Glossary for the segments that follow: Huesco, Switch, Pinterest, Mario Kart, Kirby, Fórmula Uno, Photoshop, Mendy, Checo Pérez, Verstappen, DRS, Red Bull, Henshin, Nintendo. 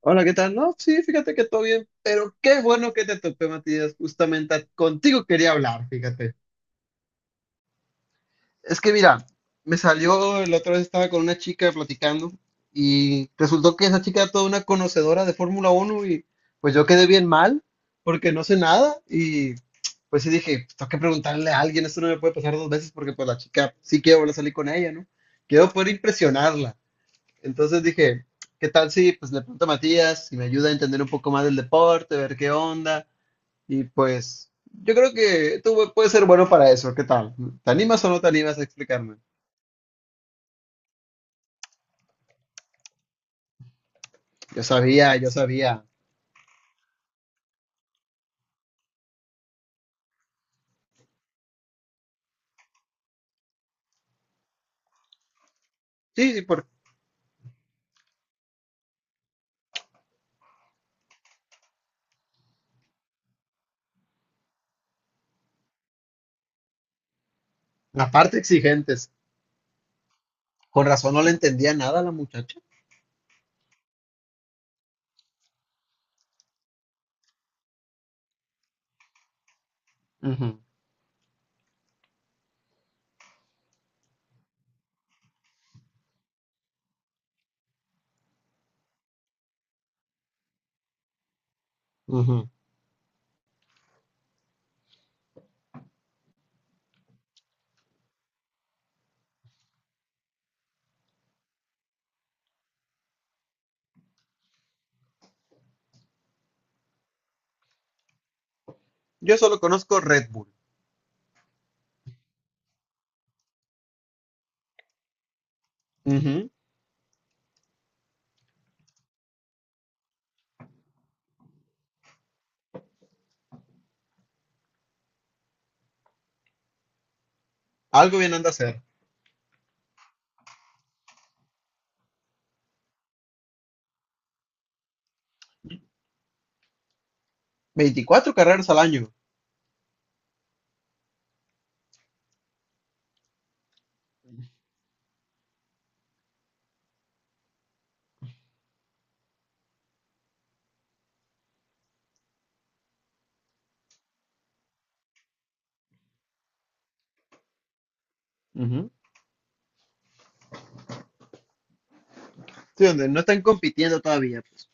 Hola, ¿qué tal? No, sí, fíjate que todo bien, pero qué bueno que te topé, Matías. Justamente contigo quería hablar, fíjate. Es que mira, me salió, la otra vez estaba con una chica platicando y resultó que esa chica era toda una conocedora de Fórmula Uno y pues yo quedé bien mal porque no sé nada y pues sí dije, tengo que preguntarle a alguien, esto no me puede pasar dos veces porque pues la chica sí quiero volver a salir con ella, ¿no? Quiero poder impresionarla. Entonces dije, ¿qué tal si pues le pregunto a Matías si me ayuda a entender un poco más del deporte, ver qué onda? Y pues yo creo que tú puedes ser bueno para eso, ¿qué tal? ¿Te animas o no te animas a explicarme? Yo sabía, yo sabía. Sí, sí, por la parte exigentes. Con razón no le entendía nada a la muchacha. Ujú, ujú. Yo solo conozco Red Bull. Ujú. Algo bien anda a hacer. 24 carreras al año. Ujú. Sí, donde no están compitiendo todavía pues.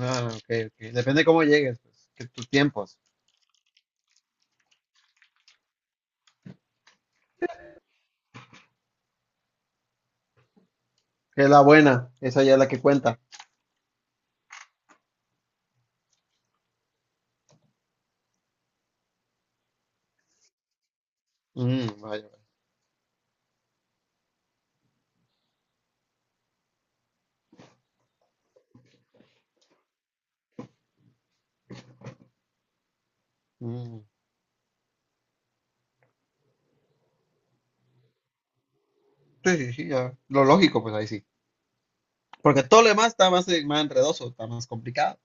Ah, ok, ok. Depende cómo llegues, pues, que tus tiempos. Que es la buena, esa ya es la que cuenta. Mm, vaya, vaya. Mm. Sí, sí, sí, ya. Lo lógico, pues ahí sí. Porque todo lo demás está más, más enredoso, está más complicado.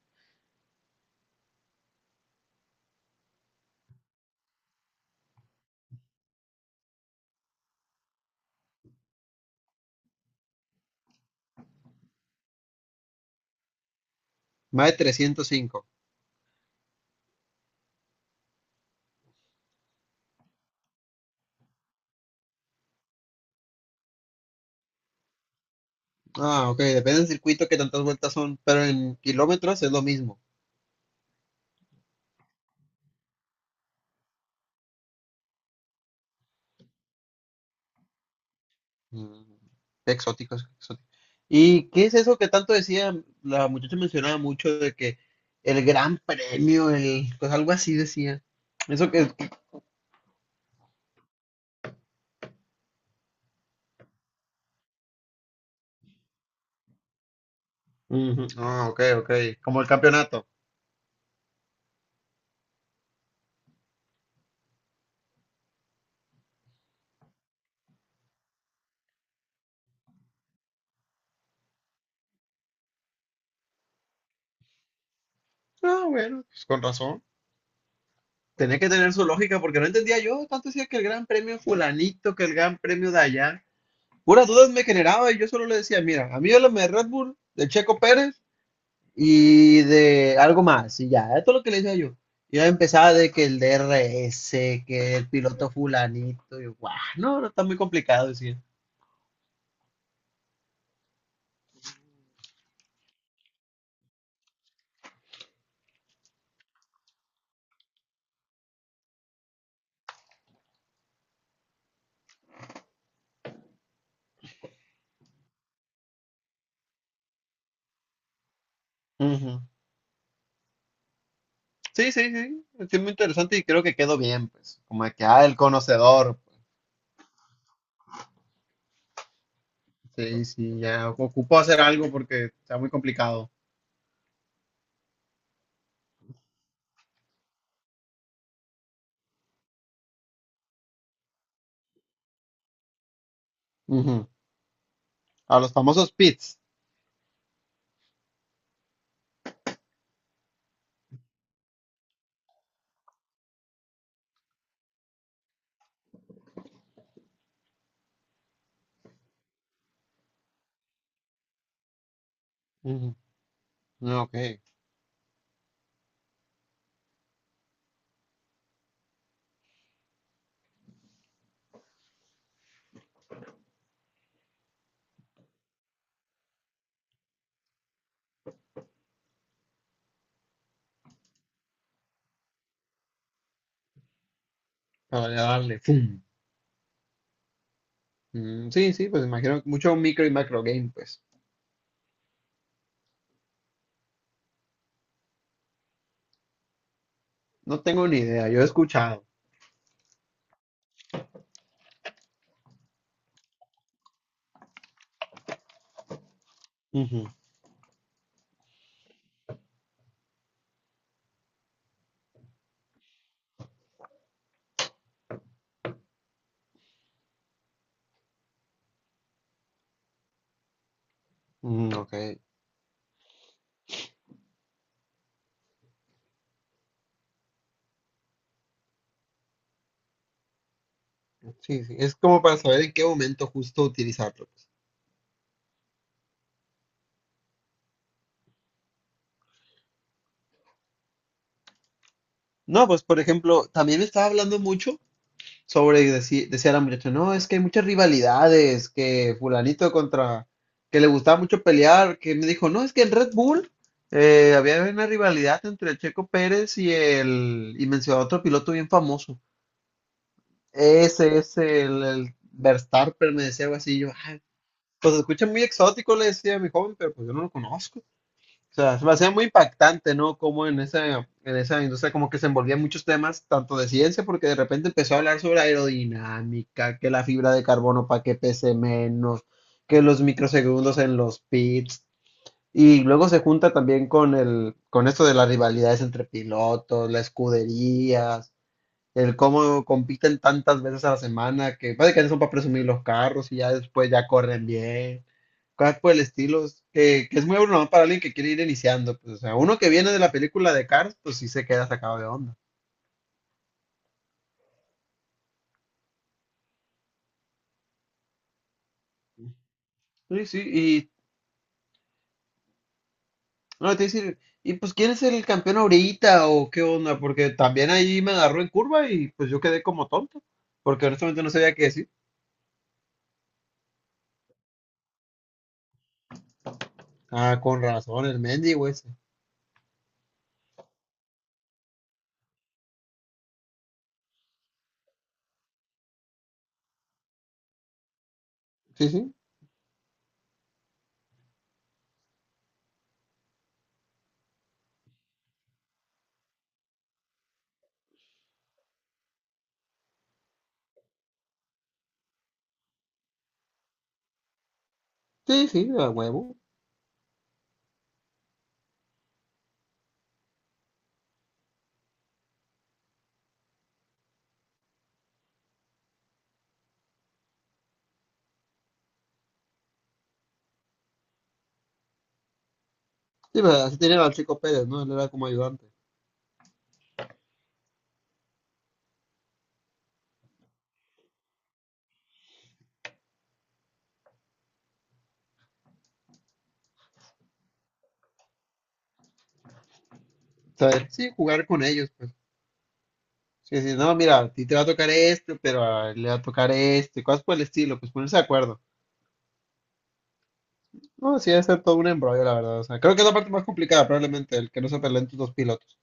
Más de 305. Ah, ok, depende del circuito que tantas vueltas son, pero en kilómetros es lo mismo. Mm, exótico, es exótico. ¿Y qué es eso que tanto decía? La muchacha mencionaba mucho de que el gran premio, el, pues algo así decía. Eso que ujú. Ah, ok, ok. Como el campeonato. Ah, bueno, pues con razón. Tenía que tener su lógica porque no entendía yo. Tanto decía que el gran premio fulanito, que el gran premio de allá. Puras dudas me generaba y yo solo le decía, mira, a mí háblame de Red Bull, de Checo Pérez y de algo más. Y ya, esto es lo que le decía yo. Y ya empezaba de que el DRS, que el piloto fulanito. Y yo, guau, no, no, está muy complicado decía. Ujú. Sí, sí, sí. Es muy interesante y creo que quedó bien, pues. Como que, ah, el conocedor. Sí, sí, ya ocupó hacer algo porque está muy complicado. Ujú. A los famosos pits. Ujú. Ah, ok, para darle, ¡fum! Mm, sí, sí, pues imagino que mucho micro y macro game, pues. No tengo ni idea, yo he escuchado. Ujú. Mm, ok, sí, sí, es como para saber en qué momento justo utilizarlo, pues. No, pues por ejemplo, también estaba hablando mucho sobre, decía la muchacha, no, es que hay muchas rivalidades, que fulanito contra, que le gustaba mucho pelear, que me dijo, no, es que en Red Bull había una rivalidad entre el Checo Pérez y el, y mencionó a otro piloto bien famoso. Ese es el Verstappen, me decía algo así, yo, "Ay, pues se escucha muy exótico", le decía a mi joven, pero pues yo no lo conozco. O sea, se me hacía muy impactante, ¿no? Como en esa industria como que se envolvía en muchos temas, tanto de ciencia, porque de repente empezó a hablar sobre aerodinámica, que la fibra de carbono para que pese menos, que los microsegundos en los pits, y luego se junta también con el, con esto de las rivalidades entre pilotos, las escuderías, el cómo compiten tantas veces a la semana, que básicamente son para presumir los carros y ya después ya corren bien, cosas por el estilo, es que es muy bueno para alguien que quiere ir iniciando, pues, o sea, uno que viene de la película de Cars, pues sí se queda sacado de onda. Sí, sí, y no, te iba decir, y pues ¿quién es el campeón ahorita o qué onda? Porque también ahí me agarró en curva y pues yo quedé como tonto, porque honestamente no sabía qué decir. Ah, con razón, el Mendy, ese. Sí, sí, sí, sí, a huevo. Sí, pero así tenía al chico Pérez, ¿no? Él era como ayudante. ¿Sabes? Sí, jugar con ellos, pues. Sí, sí, no, mira, a ti te va a tocar esto, pero a él le va a tocar esto, y cosas por el estilo, pues ponerse de acuerdo. No, sí, debe ser todo un embrollo, la verdad. O sea, creo que es la parte más complicada, probablemente, el que no se peleen tus dos pilotos.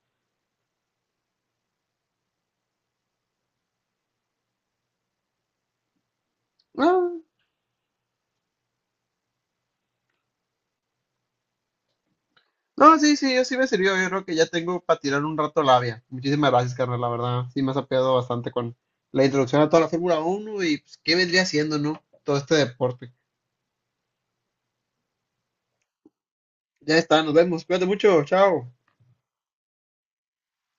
No, no, sí, sí, yo sí me sirvió. Yo creo que ya tengo para tirar un rato labia. Muchísimas gracias, carnal, la verdad. Sí, me has apoyado bastante con la introducción a toda la Fórmula Uno y pues, qué vendría siendo, ¿no? Todo este deporte. Ya está, nos vemos. Cuídate mucho, chao.